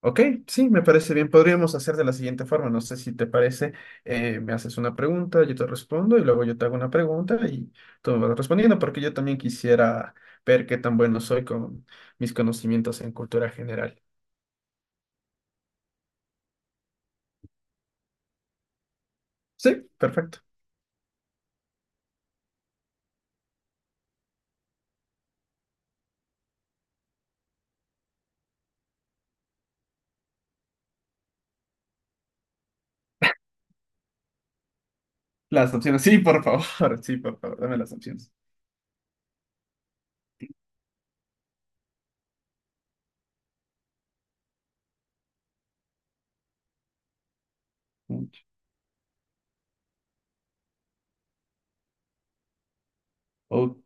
Ok, sí, me parece bien. Podríamos hacer de la siguiente forma. No sé si te parece. Me haces una pregunta, yo te respondo y luego yo te hago una pregunta y tú me vas respondiendo porque yo también quisiera ver qué tan bueno soy con mis conocimientos en cultura general. Sí, perfecto. Las opciones, sí, por favor, sí, por favor, dame las opciones. Mucho. Ok,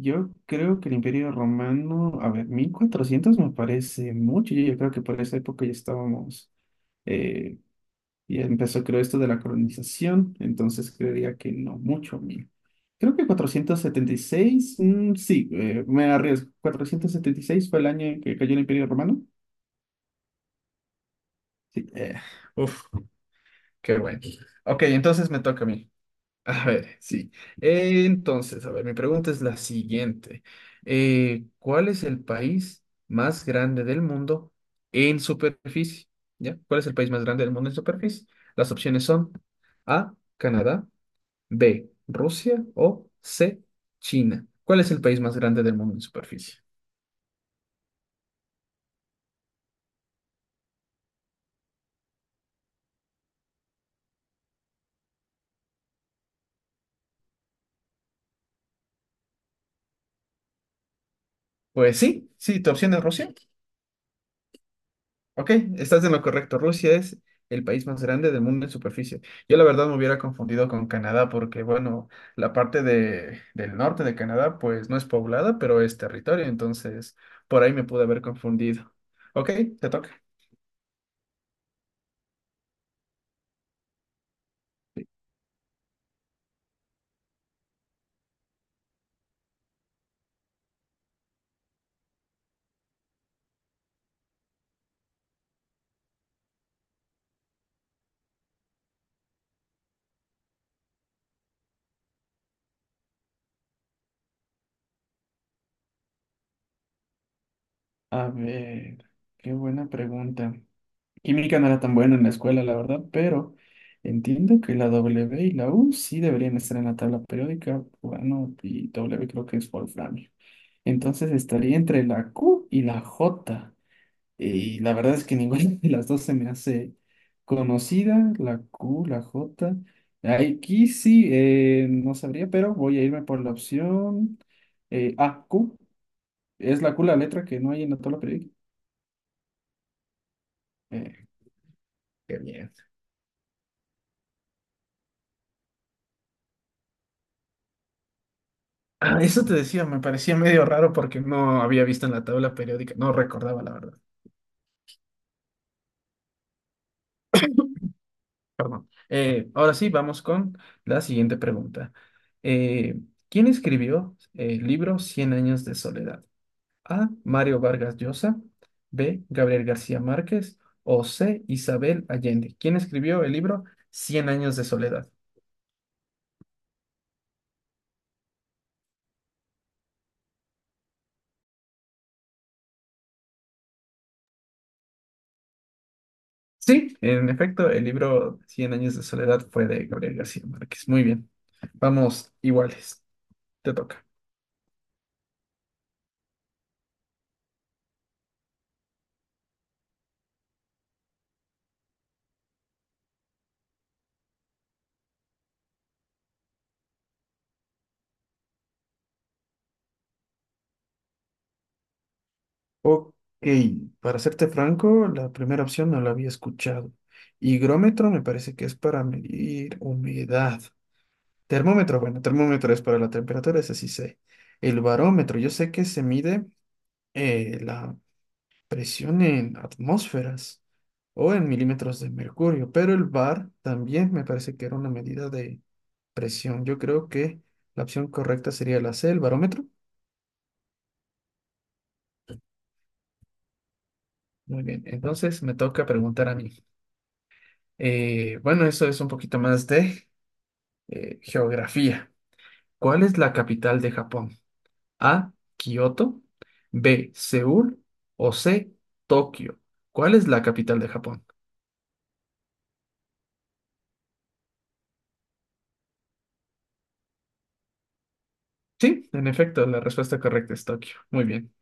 yo creo que el Imperio Romano, a ver, 1400 me parece mucho. Yo creo que por esa época ya estábamos, eh, y empezó, creo, esto de la colonización, entonces creería que no mucho, mil. Creo que 476, mm, sí, me arriesgo. 476 fue el año en que cayó el Imperio Romano. Sí, uf, qué bueno. Ok, entonces me toca a mí. A ver, sí. Entonces, a ver, mi pregunta es la siguiente. ¿Cuál es el país más grande del mundo en superficie? ¿Ya? ¿Cuál es el país más grande del mundo en superficie? Las opciones son A, Canadá; B, Rusia; o C, China. ¿Cuál es el país más grande del mundo en superficie? Pues sí, sí, tu opción es Rusia. Ok, estás en lo correcto. Rusia es el país más grande del mundo en superficie. Yo la verdad me hubiera confundido con Canadá porque, bueno, la parte de, del norte de Canadá pues no es poblada, pero es territorio, entonces por ahí me pude haber confundido. Ok, te toca. A ver, qué buena pregunta. Química no era tan buena en la escuela, la verdad, pero entiendo que la W y la U sí deberían estar en la tabla periódica. Bueno, y W creo que es wolframio. Entonces estaría entre la Q y la J. Y la verdad es que ninguna de las dos se me hace conocida, la Q, la J. Aquí sí, no sabría, pero voy a irme por la opción A, Q. Es la Q la letra que no hay en la tabla periódica. Eh, Qué bien. Ah, eso te decía, me parecía medio raro porque no había visto en la tabla periódica, no recordaba la verdad, perdón. Ahora sí, vamos con la siguiente pregunta. Eh, ¿Quién escribió el libro Cien años de soledad? A. Mario Vargas Llosa, B. Gabriel García Márquez o C. Isabel Allende. ¿Quién escribió el libro Cien años de soledad? Sí, en efecto, el libro Cien años de soledad fue de Gabriel García Márquez. Muy bien, vamos iguales, te toca. Ok, para serte franco, la primera opción no la había escuchado. Higrómetro me parece que es para medir humedad. Termómetro, bueno, termómetro es para la temperatura, ese sí sé. El barómetro, yo sé que se mide la presión en atmósferas o en milímetros de mercurio, pero el bar también me parece que era una medida de presión. Yo creo que la opción correcta sería la C, el barómetro. Muy bien, entonces me toca preguntar a mí. Bueno, eso es un poquito más de geografía. ¿Cuál es la capital de Japón? A, Kioto; B, Seúl; o C, Tokio. ¿Cuál es la capital de Japón? Sí, en efecto, la respuesta correcta es Tokio. Muy bien.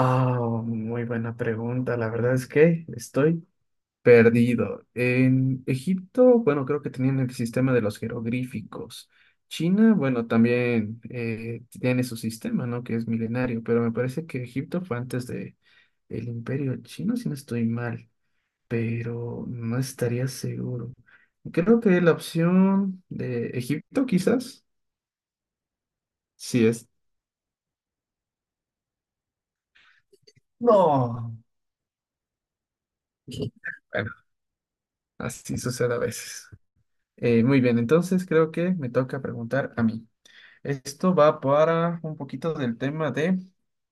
Ah, muy buena pregunta. La verdad es que estoy perdido. En Egipto, bueno, creo que tenían el sistema de los jeroglíficos. China, bueno, también tiene su sistema, ¿no? Que es milenario, pero me parece que Egipto fue antes de el Imperio Chino, si no estoy mal, pero no estaría seguro. Creo que la opción de Egipto, quizás, sí es. No. Bueno, así sucede a veces. Muy bien, entonces creo que me toca preguntar a mí. Esto va para un poquito del tema de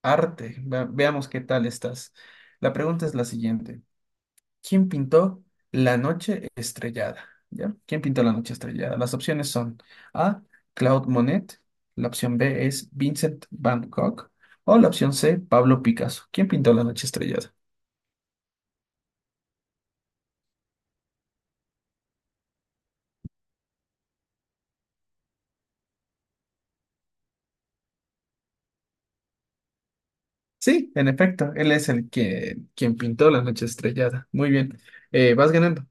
arte. Veamos qué tal estás. La pregunta es la siguiente. ¿Quién pintó La noche estrellada? ¿Ya? ¿Quién pintó La noche estrellada? Las opciones son A, Claude Monet; la opción B es Vincent Van Gogh; o la opción C, Pablo Picasso. ¿Quién pintó La noche estrellada? Sí, en efecto, él es el que quien pintó La noche estrellada. Muy bien. Vas ganando.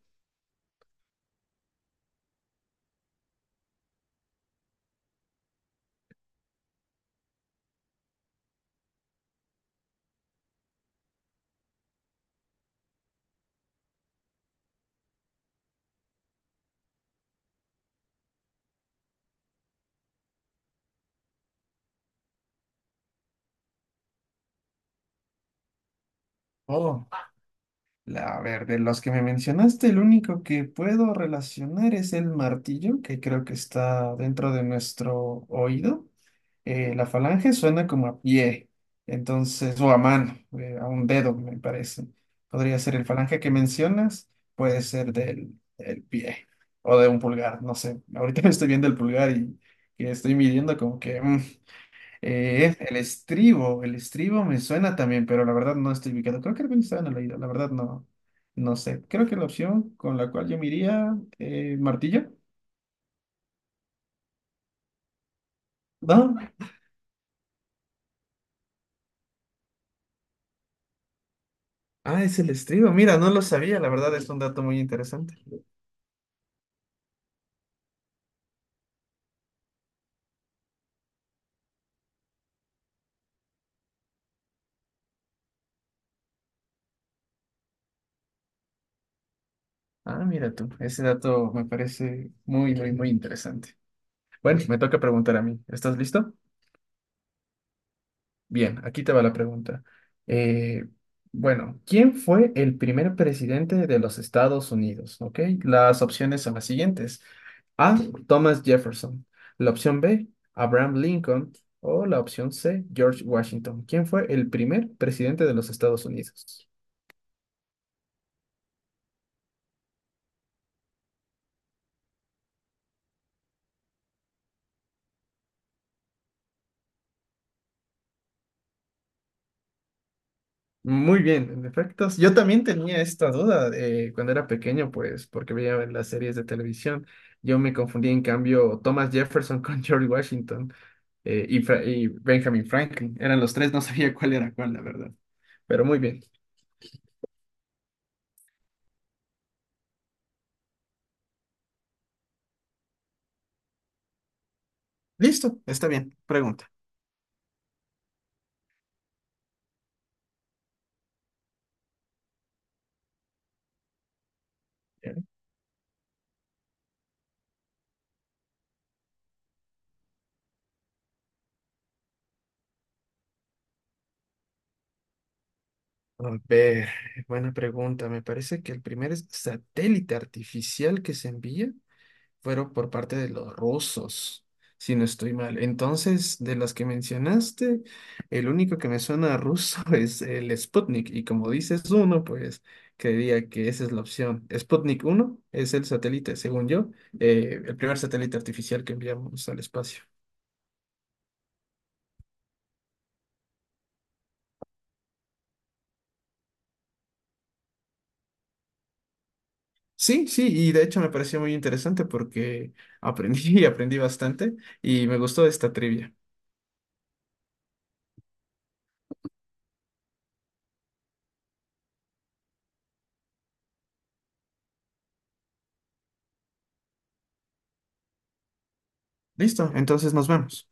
Oh. La, a ver, de los que me mencionaste, el único que puedo relacionar es el martillo, que creo que está dentro de nuestro oído. La falange suena como a pie, entonces, o a mano, a un dedo, me parece. Podría ser el falange que mencionas, puede ser del pie o de un pulgar, no sé. Ahorita me estoy viendo el pulgar y estoy midiendo como que es el estribo me suena también, pero la verdad no estoy ubicado. Creo que algún estaba en el oído, la verdad no, no sé. Creo que la opción con la cual yo me iría, martillo. No, ah, es el estribo. Mira, no lo sabía, la verdad es un dato muy interesante. Ah, mira tú, ese dato me parece muy, muy, muy interesante. Bueno, me toca preguntar a mí. ¿Estás listo? Bien, aquí te va la pregunta. Eh, bueno, ¿quién fue el primer presidente de los Estados Unidos? ¿Ok? Las opciones son las siguientes. A. Thomas Jefferson. La opción B. Abraham Lincoln. O la opción C. George Washington. ¿Quién fue el primer presidente de los Estados Unidos? Muy bien, en efecto. Yo también tenía esta duda cuando era pequeño, pues, porque veía las series de televisión. Yo me confundí, en cambio, Thomas Jefferson con George Washington. Y, y Benjamin Franklin. Eran los tres, no sabía cuál era cuál, la verdad. Pero muy bien. Listo, está bien. Pregunta. Ya. A ver, buena pregunta. Me parece que el primer satélite artificial que se envía fueron por parte de los rusos, si no estoy mal. Entonces, de las que mencionaste, el único que me suena a ruso es el Sputnik. Y como dices uno, pues creería que esa es la opción. Sputnik 1 es el satélite, según yo, el primer satélite artificial que enviamos al espacio. Sí, sí, y de hecho me pareció muy interesante porque aprendí y aprendí bastante y me gustó esta trivia. Listo, entonces nos vemos.